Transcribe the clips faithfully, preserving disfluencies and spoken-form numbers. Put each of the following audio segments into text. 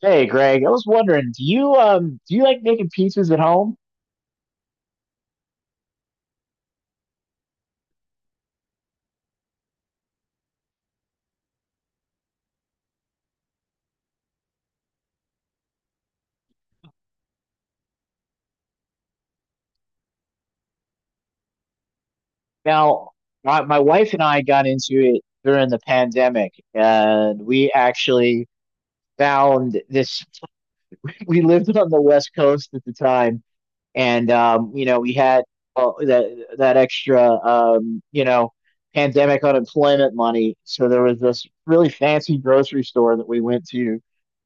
Hey, Greg, I was wondering, do you um do you like making pizzas at home? Now, my, my wife and I got into it during the pandemic, and we actually found this. We lived on the West Coast at the time, and um, you know, we had uh, that that extra um, you know pandemic unemployment money. So there was this really fancy grocery store that we went to,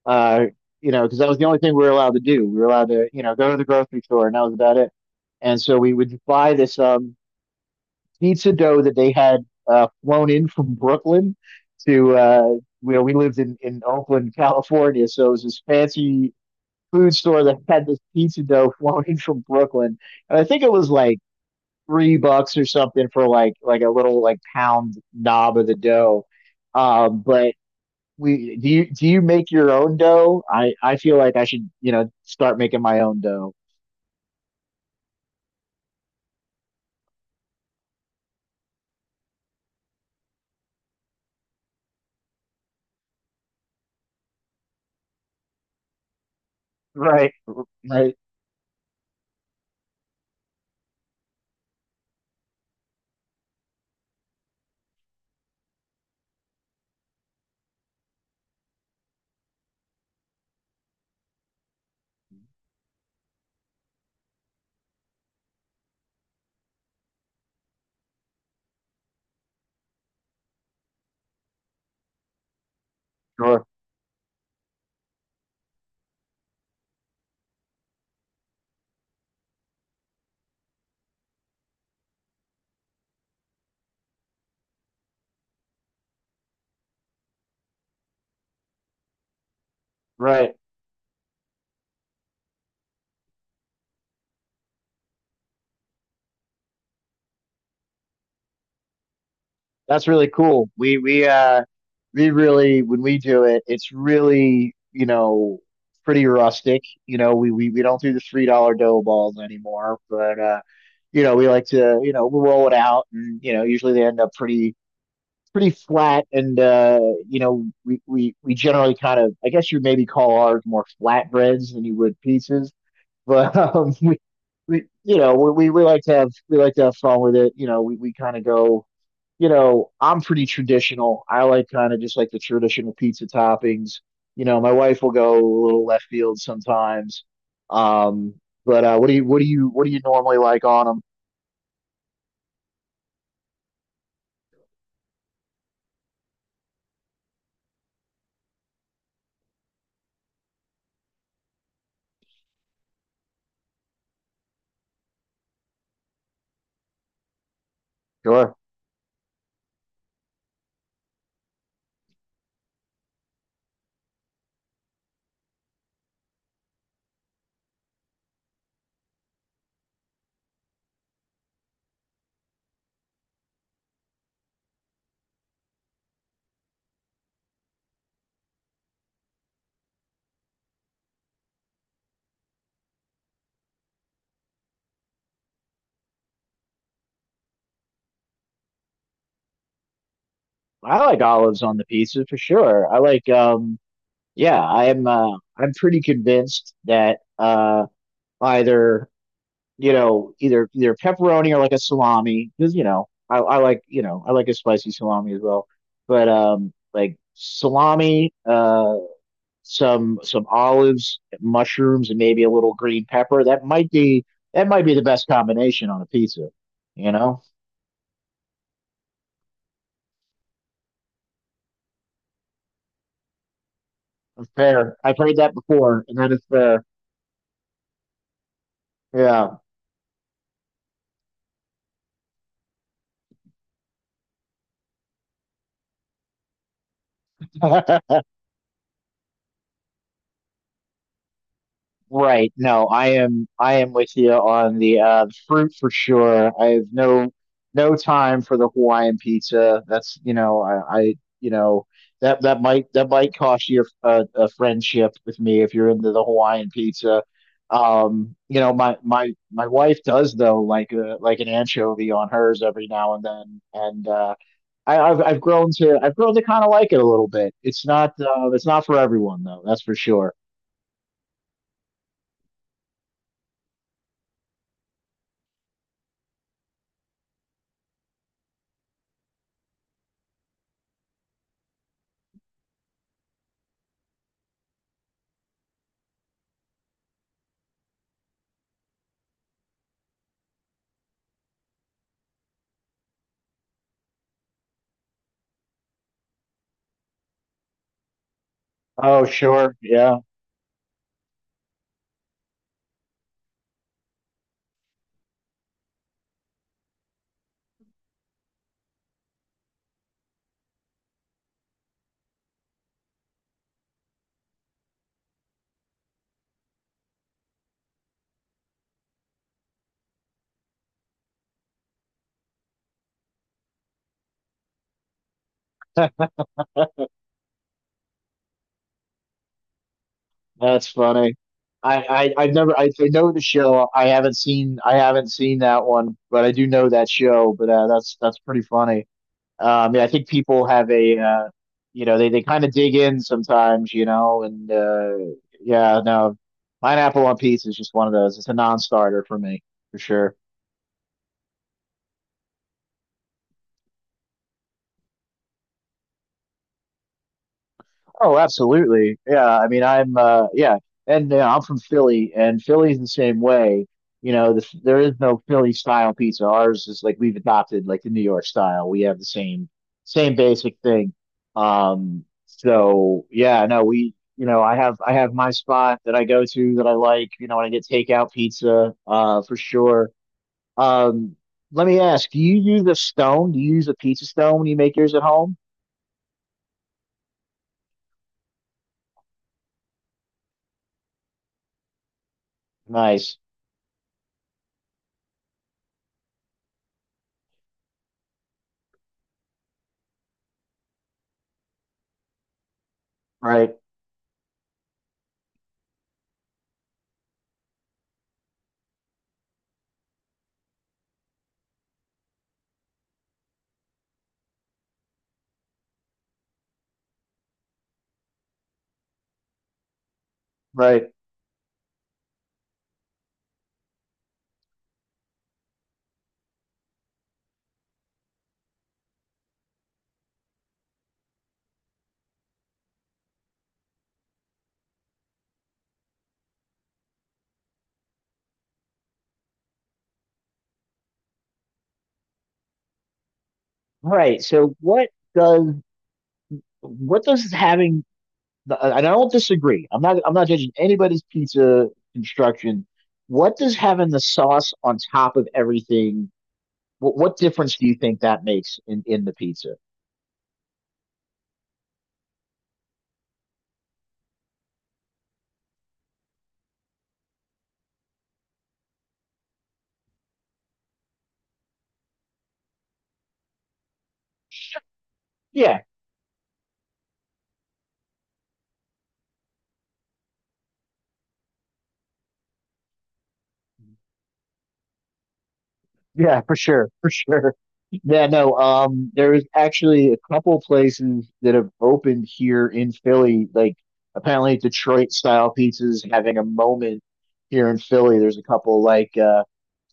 uh, you know, because that was the only thing we were allowed to do. We were allowed to, you know, go to the grocery store, and that was about it. And so we would buy this um, pizza dough that they had uh, flown in from Brooklyn to, uh, you know, we lived in, in Oakland, California. So it was this fancy food store that had this pizza dough flown in from Brooklyn, and I think it was like three bucks or something for like like a little like pound knob of the dough. Um, but we, do you, do you make your own dough? I I feel like I should, you know, start making my own dough. Right, right, sure, right. That's really cool. We we uh we really, when we do it, it's really, you know, pretty rustic. You know, we we, we don't do the three dollar dough balls anymore, but uh, you know, we like to, you know, we'll roll it out, and you know, usually they end up pretty pretty flat, and uh, you know, we we we generally kind of, I guess, you maybe call ours more flatbreads than you would pizzas, but um we we you know, we we we like to have, we like to have fun with it. You know, we we kind of go, you know, I'm pretty traditional. I like kind of just like the traditional pizza toppings. You know, my wife will go a little left field sometimes. Um, but uh, what do you, what do you what do you normally like on them? Sure. I like olives on the pizza for sure. I like um yeah, I am, uh I'm pretty convinced that uh either, you know, either either pepperoni or like a salami, because you know, I, I like, you know, I like a spicy salami as well. But um like salami, uh some some olives, mushrooms, and maybe a little green pepper. That might be that might be the best combination on a pizza. You know, fair. I've heard that before, and that is fair. Yeah. Right. No, I am I am with you on the uh fruit for sure. I have no no time for the Hawaiian pizza. That's, you know, I, I you know, that that might, that might cost you a, a friendship with me if you're into the Hawaiian pizza. Um, you know, my my my wife does though like a, like an anchovy on hers every now and then, and uh, I, I've I've grown to, I've grown to kind of like it a little bit. It's not uh, it's not for everyone though, that's for sure. Oh, sure. Yeah. That's funny. I, I I've never I, I know the show. I haven't seen I haven't seen that one, but I do know that show. But uh, that's that's pretty funny. Um, yeah, I think people have a uh, you know, they they kind of dig in sometimes, you know, and uh, yeah, no, pineapple on pizza is just one of those. It's a non-starter for me for sure. Oh, absolutely. Yeah, I mean, I'm uh yeah, and you know, I'm from Philly, and Philly's the same way. You know, the, there is no Philly style pizza. Ours is like we've adopted like the New York style. We have the same same basic thing. Um, so yeah, no, we, you know, I have I have my spot that I go to that I like, you know, when I get takeout pizza, uh, for sure. Um, let me ask, do you use a stone? Do you use a pizza stone when you make yours at home? Nice. Right. Right. All right. So what does, what does having the, and I don't disagree. I'm not I'm not judging anybody's pizza construction. What does having the sauce on top of everything, what, what difference do you think that makes in in the pizza? Yeah. Yeah, for sure, for sure. Yeah, no, um, there's actually a couple places that have opened here in Philly. Like apparently Detroit style pizza's having a moment here in Philly. There's a couple like uh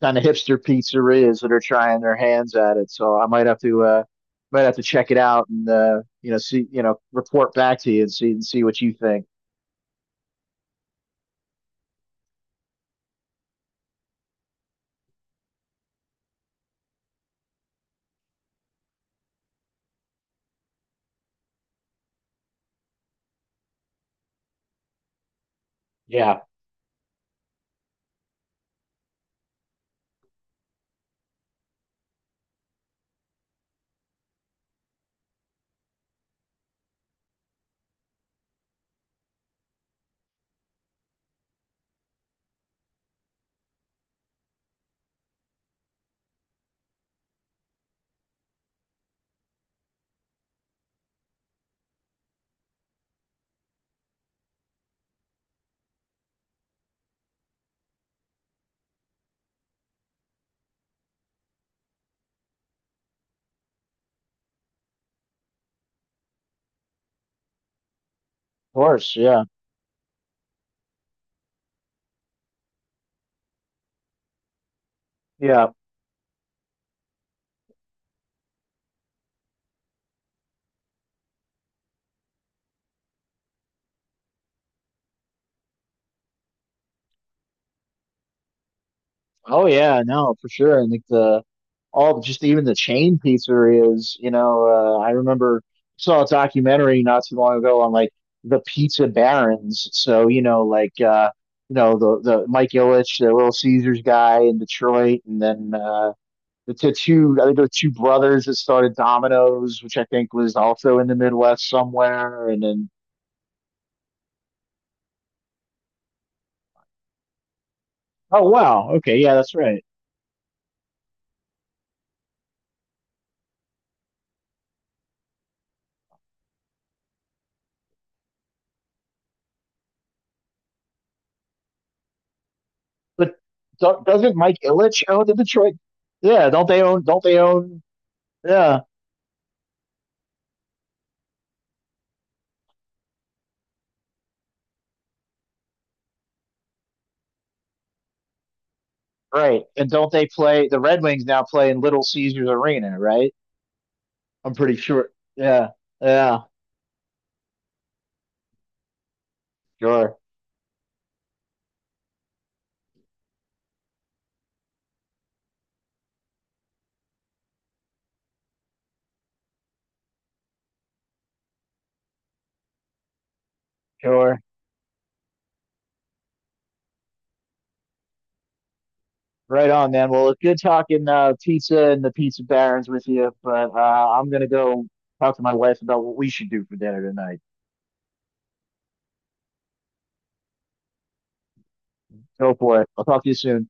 kind of hipster pizzerias that are trying their hands at it. So I might have to uh might have to check it out, and uh, you know, see, you know, report back to you, and see and see what you think. Yeah, of course. Yeah. Yeah. Oh yeah, no, for sure. And like the all, just even the chain pizzerias, you know, uh, I remember, saw a documentary not too long ago on like the pizza barons. So, you know, like uh you know, the the Mike Ilitch, the Little Caesars guy in Detroit, and then uh the t- two, I think there were two brothers that started Domino's, which I think was also in the Midwest somewhere, and then, oh wow, okay, yeah, that's right. But do doesn't Mike Ilitch own the Detroit? Yeah, don't they own? Don't they own? Yeah, right. And don't they play, the Red Wings now play in Little Caesars Arena, right? I'm pretty sure. Yeah, yeah, sure, sure. Right on, man. Well, it's good talking uh, pizza and the pizza barons with you, but uh, I'm gonna go talk to my wife about what we should do for dinner tonight. Go for it. I'll talk to you soon.